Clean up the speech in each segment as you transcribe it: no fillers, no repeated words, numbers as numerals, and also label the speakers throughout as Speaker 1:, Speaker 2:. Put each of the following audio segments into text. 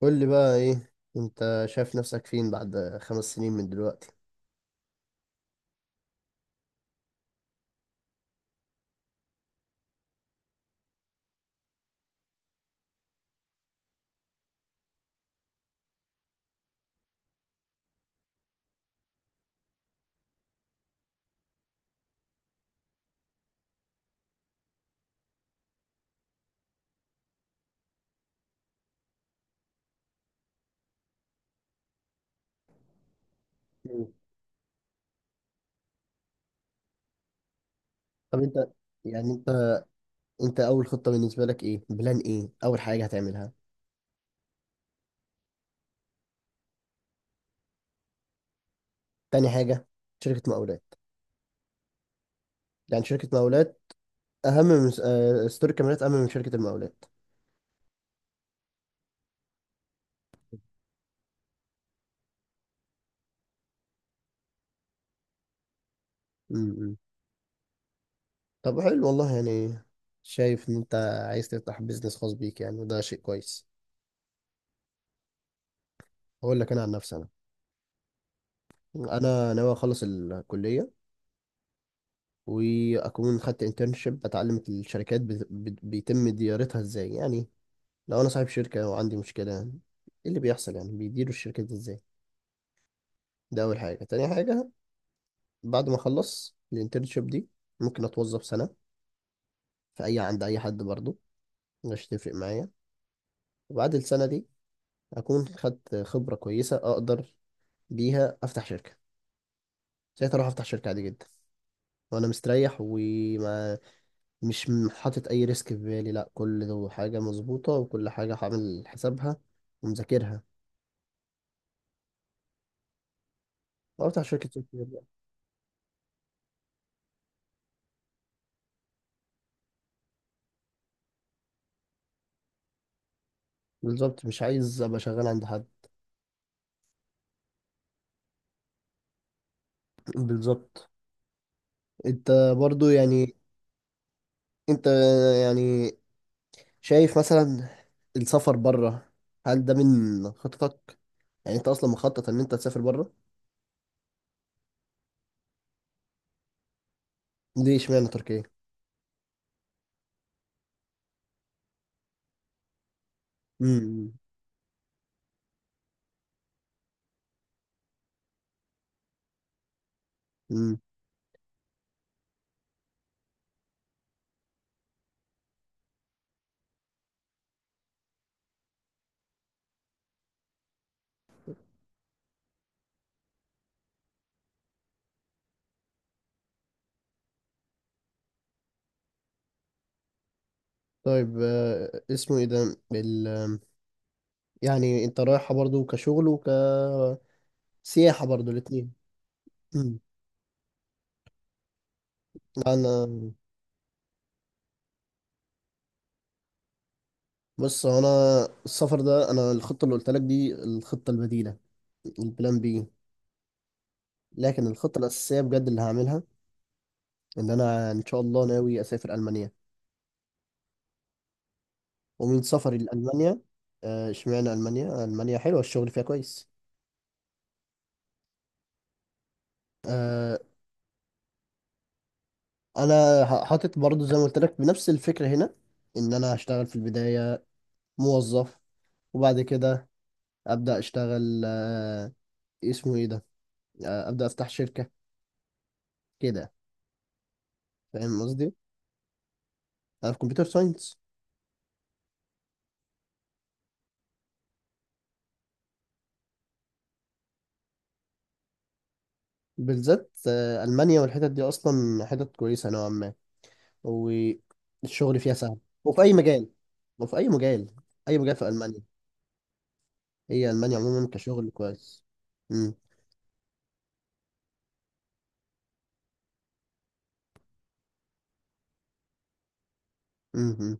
Speaker 1: قول لي بقى ايه انت شايف نفسك فين بعد 5 سنين من دلوقتي؟ مم. طب انت يعني انت انت اول خطة بالنسبة لك ايه، بلان ايه اول حاجة هتعملها؟ تاني حاجة شركة مقاولات. يعني شركة مقاولات اهم من ستور كاميرات، اهم من شركة المقاولات. امم. طب حلو والله يعني، شايف ان انت عايز تفتح بيزنس خاص بيك يعني، وده شيء كويس. هقول لك انا عن نفسي. انا ناوي اخلص الكلية، واكون خدت انترنشيب بتعلم الشركات بيتم ديارتها ازاي. يعني لو انا صاحب شركة وعندي مشكلة، ايه اللي بيحصل يعني، بيديروا الشركة دي ازاي. ده اول حاجة. تاني حاجة، بعد ما اخلص الانترنشيب دي ممكن اتوظف سنة في اي، عند اي حد برضو، مش تفرق معايا. وبعد السنة دي اكون خدت خبرة كويسة اقدر بيها افتح شركة. ساعتها اروح افتح شركة عادي جدا، وانا مستريح، مش حاطط اي ريسك في بالي. لا، كل ده حاجه مظبوطه وكل حاجه هعمل حسابها ومذاكرها. أو بتاع شركه سوفت وير بقى. بالظبط، مش عايز ابقى شغال عند حد. بالظبط. انت برضو يعني، انت يعني شايف مثلا السفر بره، هل ده من خططك؟ يعني انت اصلا مخطط ان انت تسافر بره؟ ليه اشمعنى تركيا؟ امم. امم. طيب اسمه ايه ده يعني انت رايحه برضو كشغل وكسياحه، برضو الاثنين. انا، بص هو انا. السفر ده، انا الخطه اللي قلت لك دي الخطه البديله، البلان بي. لكن الخطه الاساسيه بجد اللي هعملها، ان انا ان شاء الله ناوي اسافر المانيا. ومن سفري لالمانيا، اشمعنى المانيا؟ المانيا حلوه، الشغل فيها كويس. آه، انا حاطط برضو زي ما قلت لك بنفس الفكره هنا، ان انا هشتغل في البدايه موظف، وبعد كده ابدا اشتغل. اسمه ايه ده، ابدا افتح شركه كده. فاهم قصدي؟ انا في كمبيوتر ساينس. بالذات ألمانيا والحتت دي أصلا حتت كويسة نوعا ما، والشغل فيها سهل. وفي أي مجال. وفي أي مجال أي مجال في ألمانيا. هي ألمانيا عموما كشغل كويس. مم. مم. مم.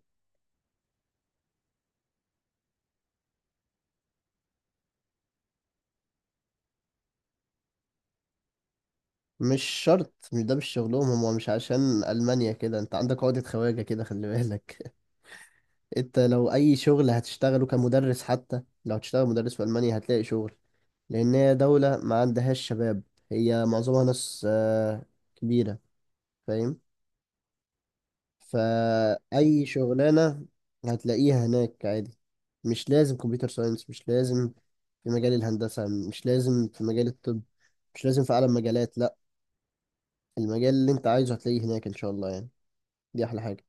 Speaker 1: مش شرط. مش ده مش شغلهم هم. مش عشان ألمانيا كده أنت عندك عقدة خواجة كده، خلي بالك. أنت لو أي شغل هتشتغله كمدرس، حتى لو هتشتغل مدرس في ألمانيا هتلاقي شغل. لأن هي دولة ما عندهاش شباب، هي معظمها ناس كبيرة. فاهم؟ فأي شغلانة هتلاقيها هناك عادي. مش لازم كمبيوتر ساينس، مش لازم في مجال الهندسة، مش لازم في مجال الطب، مش لازم في أعلى مجالات. لأ، المجال اللي أنت عايزه هتلاقيه هناك إن شاء الله يعني. دي أحلى حاجة.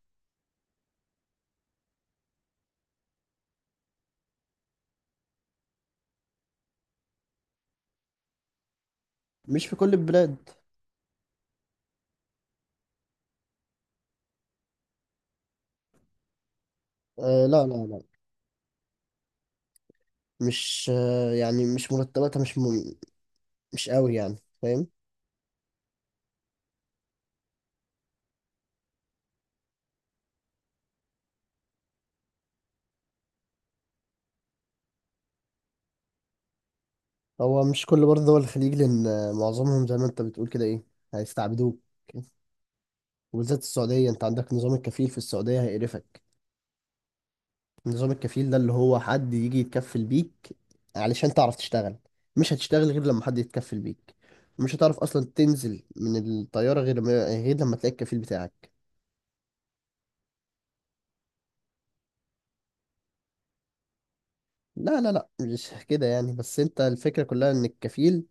Speaker 1: مش في كل البلاد. آه لا لا لا، مش يعني مش مرتباتها، مش قوي يعني. فاهم؟ هو مش كل برضه دول الخليج، لأن معظمهم زي ما أنت بتقول كده، إيه، هيستعبدوك. وبالذات السعودية، أنت عندك نظام الكفيل في السعودية هيقرفك. نظام الكفيل ده اللي هو حد يجي يتكفل بيك علشان تعرف تشتغل. مش هتشتغل غير لما حد يتكفل بيك. مش هتعرف اصلا تنزل من الطياره غير ما، غير لما تلاقي الكفيل بتاعك. لا لا لا مش كده يعني، بس انت الفكره كلها ان الكفيل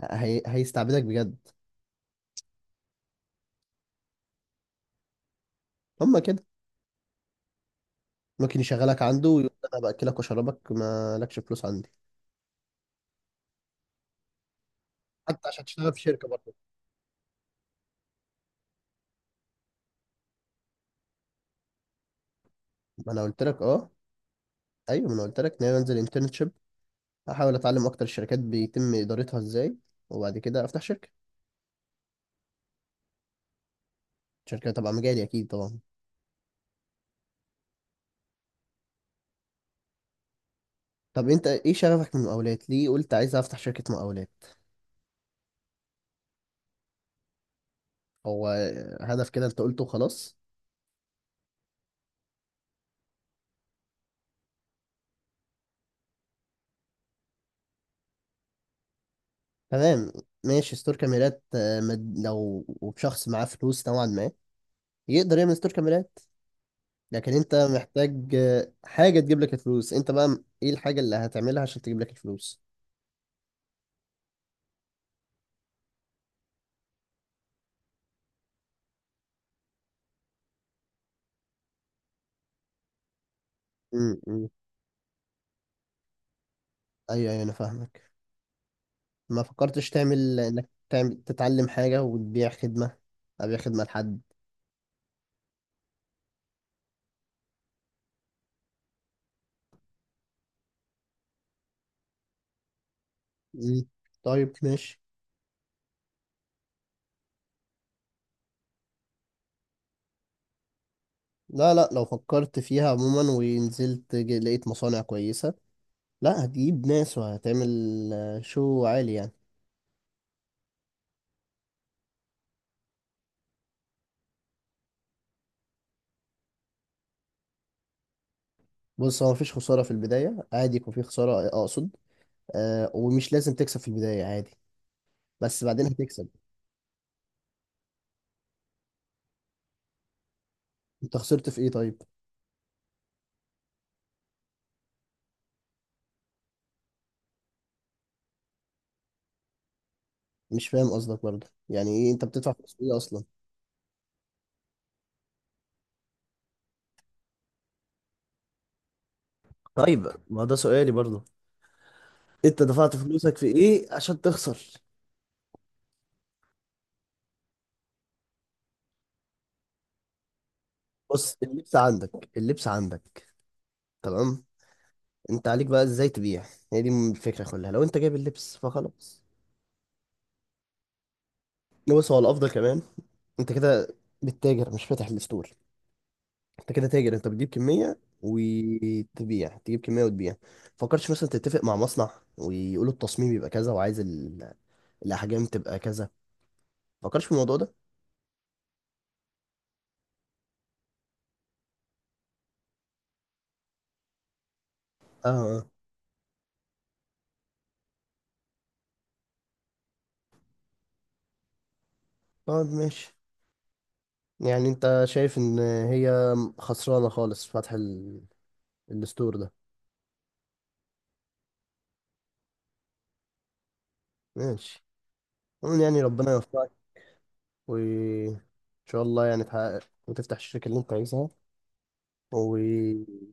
Speaker 1: هيستعبدك بجد. هما كده، ممكن يشغلك عنده ويقول لك انا باكلك واشربك ما لكش فلوس عندي. حتى عشان تشتغل في شركه برضه، ما انا قلت لك اه. ايوه، ما انا قلت لك ان انا انزل انترنشيب، احاول اتعلم اكتر الشركات بيتم ادارتها ازاي، وبعد كده افتح شركه، شركة تبع مجالي أكيد طبعا. طب أنت إيه شغفك من المقاولات؟ ليه قلت عايز أفتح شركة مقاولات؟ هو هدف كده أنت قلته خلاص. تمام، ماشي ستور كاميرات. لو شخص معاه فلوس نوعا ما يقدر يعمل ستور كاميرات، لكن أنت محتاج حاجة تجيب لك الفلوس أنت بقى. إيه الحاجة اللي هتعملها عشان تجيب لك الفلوس؟ امم. أيوه أيوه أنا فاهمك. ما فكرتش تعمل، إنك تعمل تتعلم حاجة وتبيع خدمة، أبيع خدمة لحد. مم. طيب ماشي. لا لا، لو فكرت فيها عموما ونزلت لقيت مصانع كويسة، لا هتجيب ناس وهتعمل شو عالي يعني. بص هو مفيش خسارة في البداية، عادي يكون في خسارة أقصد. آه، ومش لازم تكسب في البداية عادي، بس بعدين هتكسب. أنت خسرت في إيه طيب؟ مش فاهم قصدك برضه. يعني إيه أنت بتدفع فلوس في إيه أصلا؟ طيب ما ده سؤالي برضه، انت دفعت فلوسك في ايه عشان تخسر؟ بص، اللبس عندك، اللبس عندك، تمام. أنت عليك بقى إزاي تبيع. هي دي الفكرة كلها، لو أنت جايب اللبس فخلاص. بص هو الافضل كمان، انت كده بتتاجر مش فاتح الستور. انت كده تاجر، انت بتجيب كميه وتبيع، تجيب كميه وتبيع. فكرتش مثلا تتفق مع مصنع ويقولوا التصميم يبقى كذا، وعايز ال... الاحجام تبقى كذا؟ فكرتش في الموضوع ده؟ اه، آه. طيب ماشي. يعني انت شايف ان هي خسرانه خالص فتح الستور ده؟ ماشي، عموما يعني ربنا يوفقك، وان شاء الله يعني تحقق وتفتح الشركه اللي انت عايزها، وتوفيق.